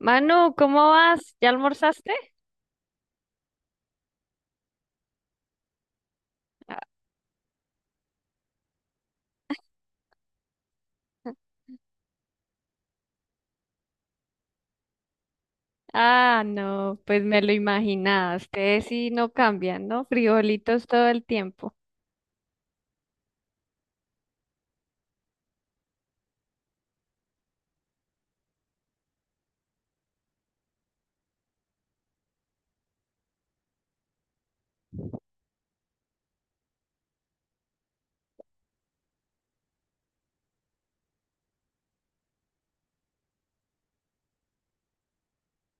Manu, ¿cómo vas? ¿Ya almorzaste? Ah, no, pues me lo imaginaba. Ustedes sí no cambian, ¿no? Frijolitos todo el tiempo.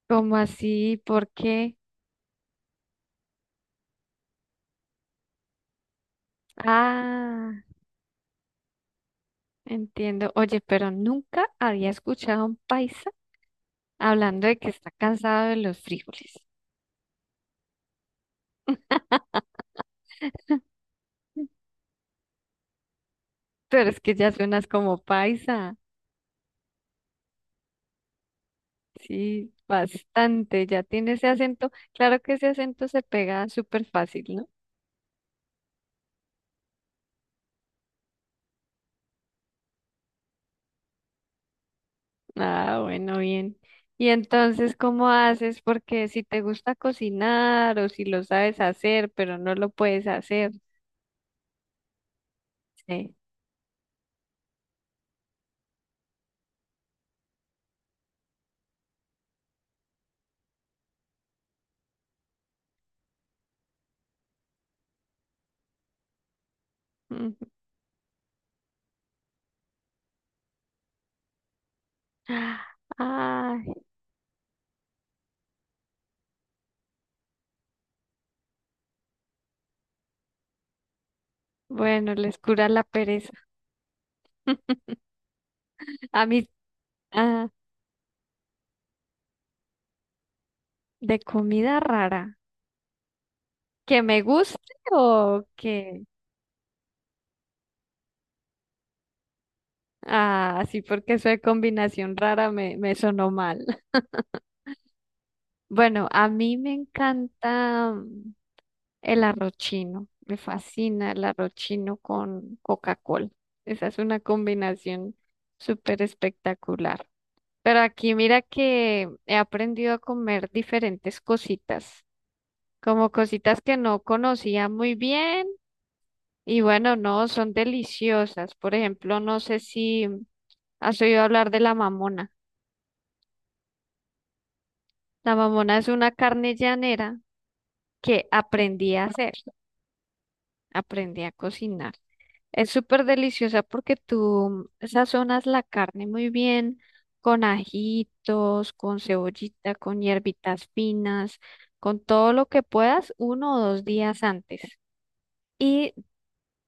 ¿Cómo así? ¿Por qué? Ah, entiendo. Oye, pero nunca había escuchado a un paisa hablando de que está cansado de los frijoles. Pero es que ya suenas como paisa. Sí, bastante. Ya tiene ese acento. Claro que ese acento se pega súper fácil, ¿no? Ah, bueno, bien. Y entonces, ¿cómo haces? Porque si te gusta cocinar o si lo sabes hacer, pero no lo puedes hacer, sí. Ujú. Ay, bueno, les cura la pereza. A mí, ah, de comida rara, que me guste o que, sí, porque eso de combinación rara me sonó mal. Bueno, a mí me encanta. El arrochino, me fascina el arrochino con Coca-Cola. Esa es una combinación súper espectacular. Pero aquí mira que he aprendido a comer diferentes cositas, como cositas que no conocía muy bien y bueno, no, son deliciosas. Por ejemplo, no sé si has oído hablar de la mamona. La mamona es una carne llanera que aprendí a hacer, aprendí a cocinar. Es súper deliciosa porque tú sazonas la carne muy bien con ajitos, con cebollita, con hierbitas finas, con todo lo que puedas uno o dos días antes. Y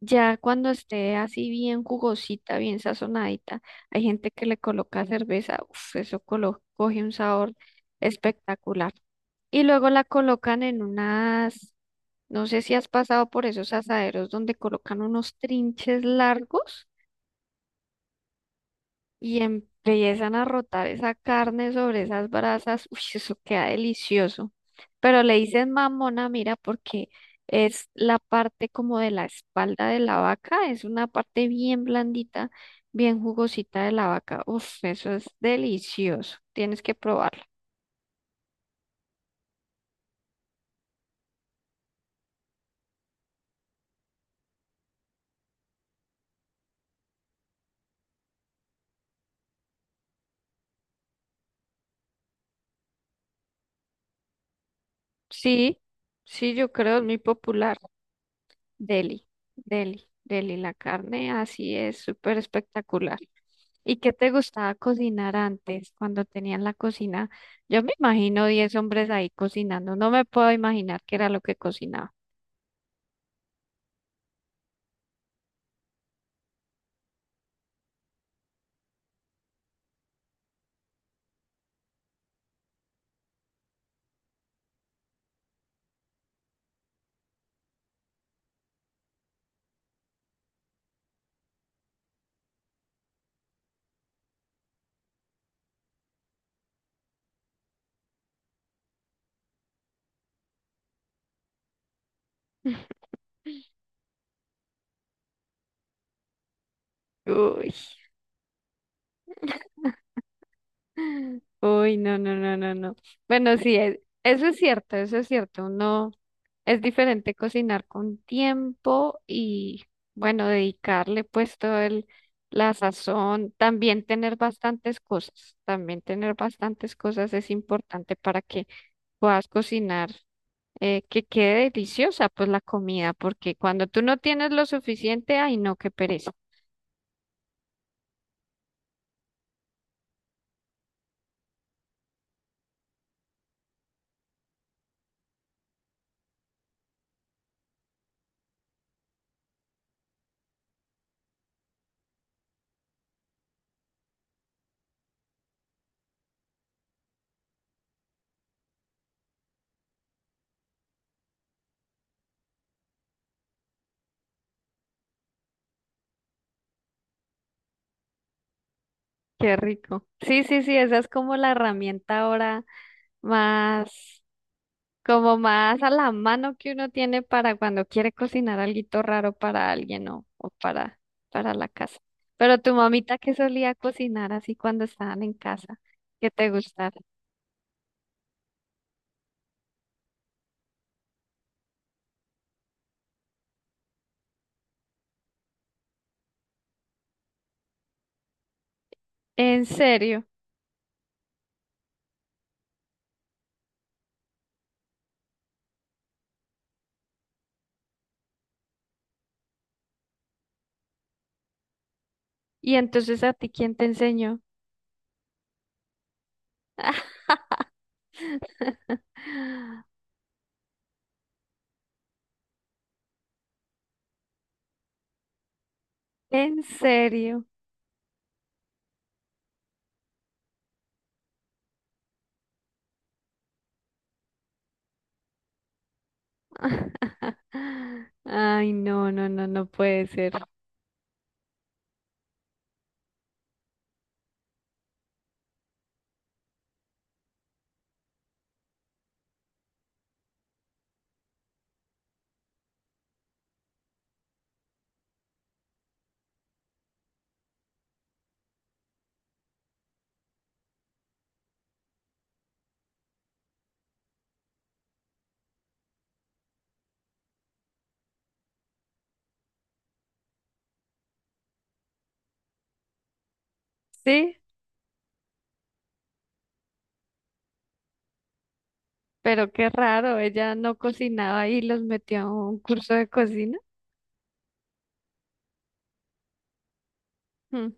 ya cuando esté así bien jugosita, bien sazonadita, hay gente que le coloca cerveza, uf, eso coge un sabor espectacular. Y luego la colocan en unas, no sé si has pasado por esos asaderos donde colocan unos trinches largos. Y empiezan a rotar esa carne sobre esas brasas, uy, eso queda delicioso. Pero le dicen mamona, mira, porque es la parte como de la espalda de la vaca, es una parte bien blandita, bien jugosita de la vaca. Uf, eso es delicioso, tienes que probarlo. Sí, sí, yo creo es muy popular. Deli, deli, la carne así es súper espectacular. ¿Y qué te gustaba cocinar antes, cuando tenían la cocina? Yo me imagino 10 hombres ahí cocinando. No me puedo imaginar qué era lo que cocinaba. Uy. Uy, no. Bueno, sí, eso es cierto, eso es cierto. Uno. Es diferente cocinar con tiempo y, bueno, dedicarle pues todo el, la sazón, también tener bastantes cosas, también tener bastantes cosas es importante para que puedas cocinar, que quede deliciosa pues la comida, porque cuando tú no tienes lo suficiente, ay no, qué pereza. Qué rico. Sí, sí, sí, esa es como la herramienta ahora más. Como más a la mano que uno tiene para cuando quiere cocinar alguito raro para alguien o para la casa. Pero tu mamita que solía cocinar así cuando estaban en casa, ¿qué te gustara. En serio. ¿Y entonces a ti quién te enseñó? En serio. Ay, no, no puede ser. Sí, pero qué raro, ella no cocinaba y los metió a un curso de cocina. Mm.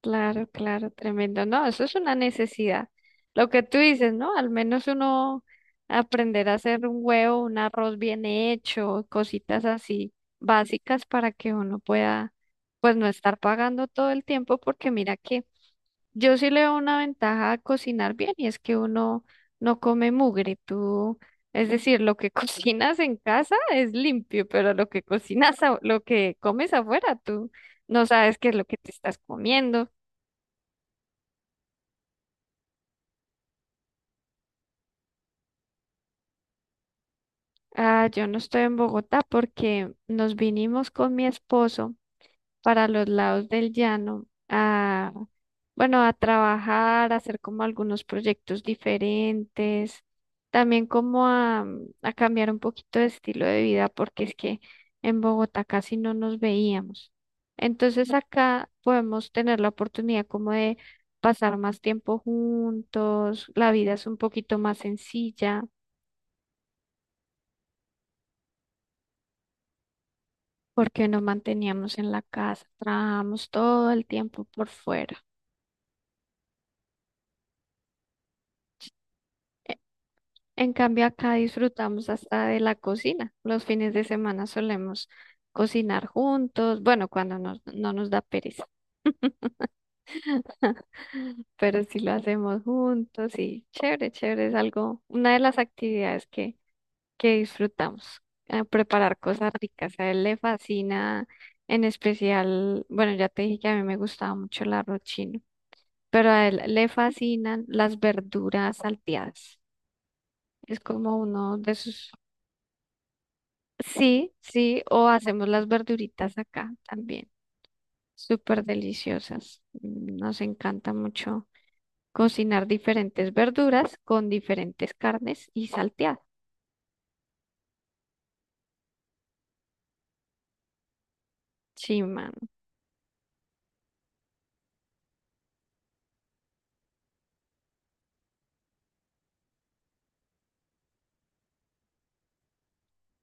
Claro, claro, tremendo. No, eso es una necesidad. Lo que tú dices, ¿no? Al menos uno aprender a hacer un huevo, un arroz bien hecho, cositas así básicas para que uno pueda, pues no estar pagando todo el tiempo, porque mira que yo sí le veo una ventaja a cocinar bien y es que uno no come mugre. Tú, es decir, lo que cocinas en casa es limpio, pero lo que cocinas, lo que comes afuera, tú no sabes qué es lo que te estás comiendo. Ah, yo no estoy en Bogotá porque nos vinimos con mi esposo para los lados del llano a, bueno, a trabajar, a hacer como algunos proyectos diferentes, también como a cambiar un poquito de estilo de vida porque es que en Bogotá casi no nos veíamos. Entonces acá podemos tener la oportunidad como de pasar más tiempo juntos, la vida es un poquito más sencilla. Porque nos manteníamos en la casa, trabajamos todo el tiempo por fuera. En cambio, acá disfrutamos hasta de la cocina. Los fines de semana solemos cocinar juntos, bueno, cuando no nos da pereza, pero sí lo hacemos juntos y chévere, chévere, es algo, una de las actividades que disfrutamos, preparar cosas ricas. A él le fascina, en especial, bueno, ya te dije que a mí me gustaba mucho el arroz chino. Pero a él le fascinan las verduras salteadas. Es como uno de sus... Sí, sí, o hacemos las verduritas acá también, súper deliciosas. Mm, nos encanta mucho cocinar diferentes verduras con diferentes carnes y salteadas. Sí, mano.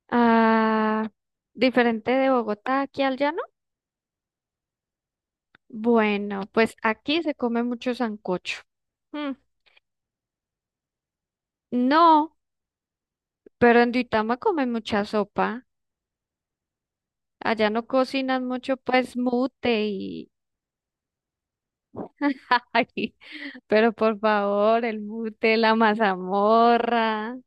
Ah, diferente de Bogotá aquí al llano. Bueno, pues aquí se come mucho sancocho. Mm, no, pero en Duitama comen mucha sopa. Allá no cocinan mucho, pues mute y... Ay, pero por favor, el mute, la mazamorra.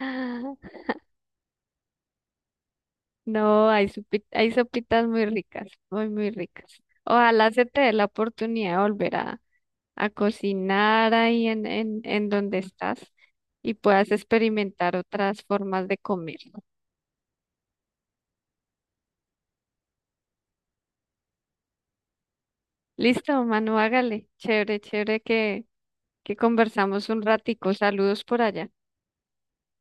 No, hay, sopi, hay sopitas muy ricas, muy ricas. Ojalá se te dé la oportunidad de volver a cocinar ahí en donde estás y puedas experimentar otras formas de comer. Listo, Manu, hágale. Chévere, chévere que conversamos un ratico. Saludos por allá.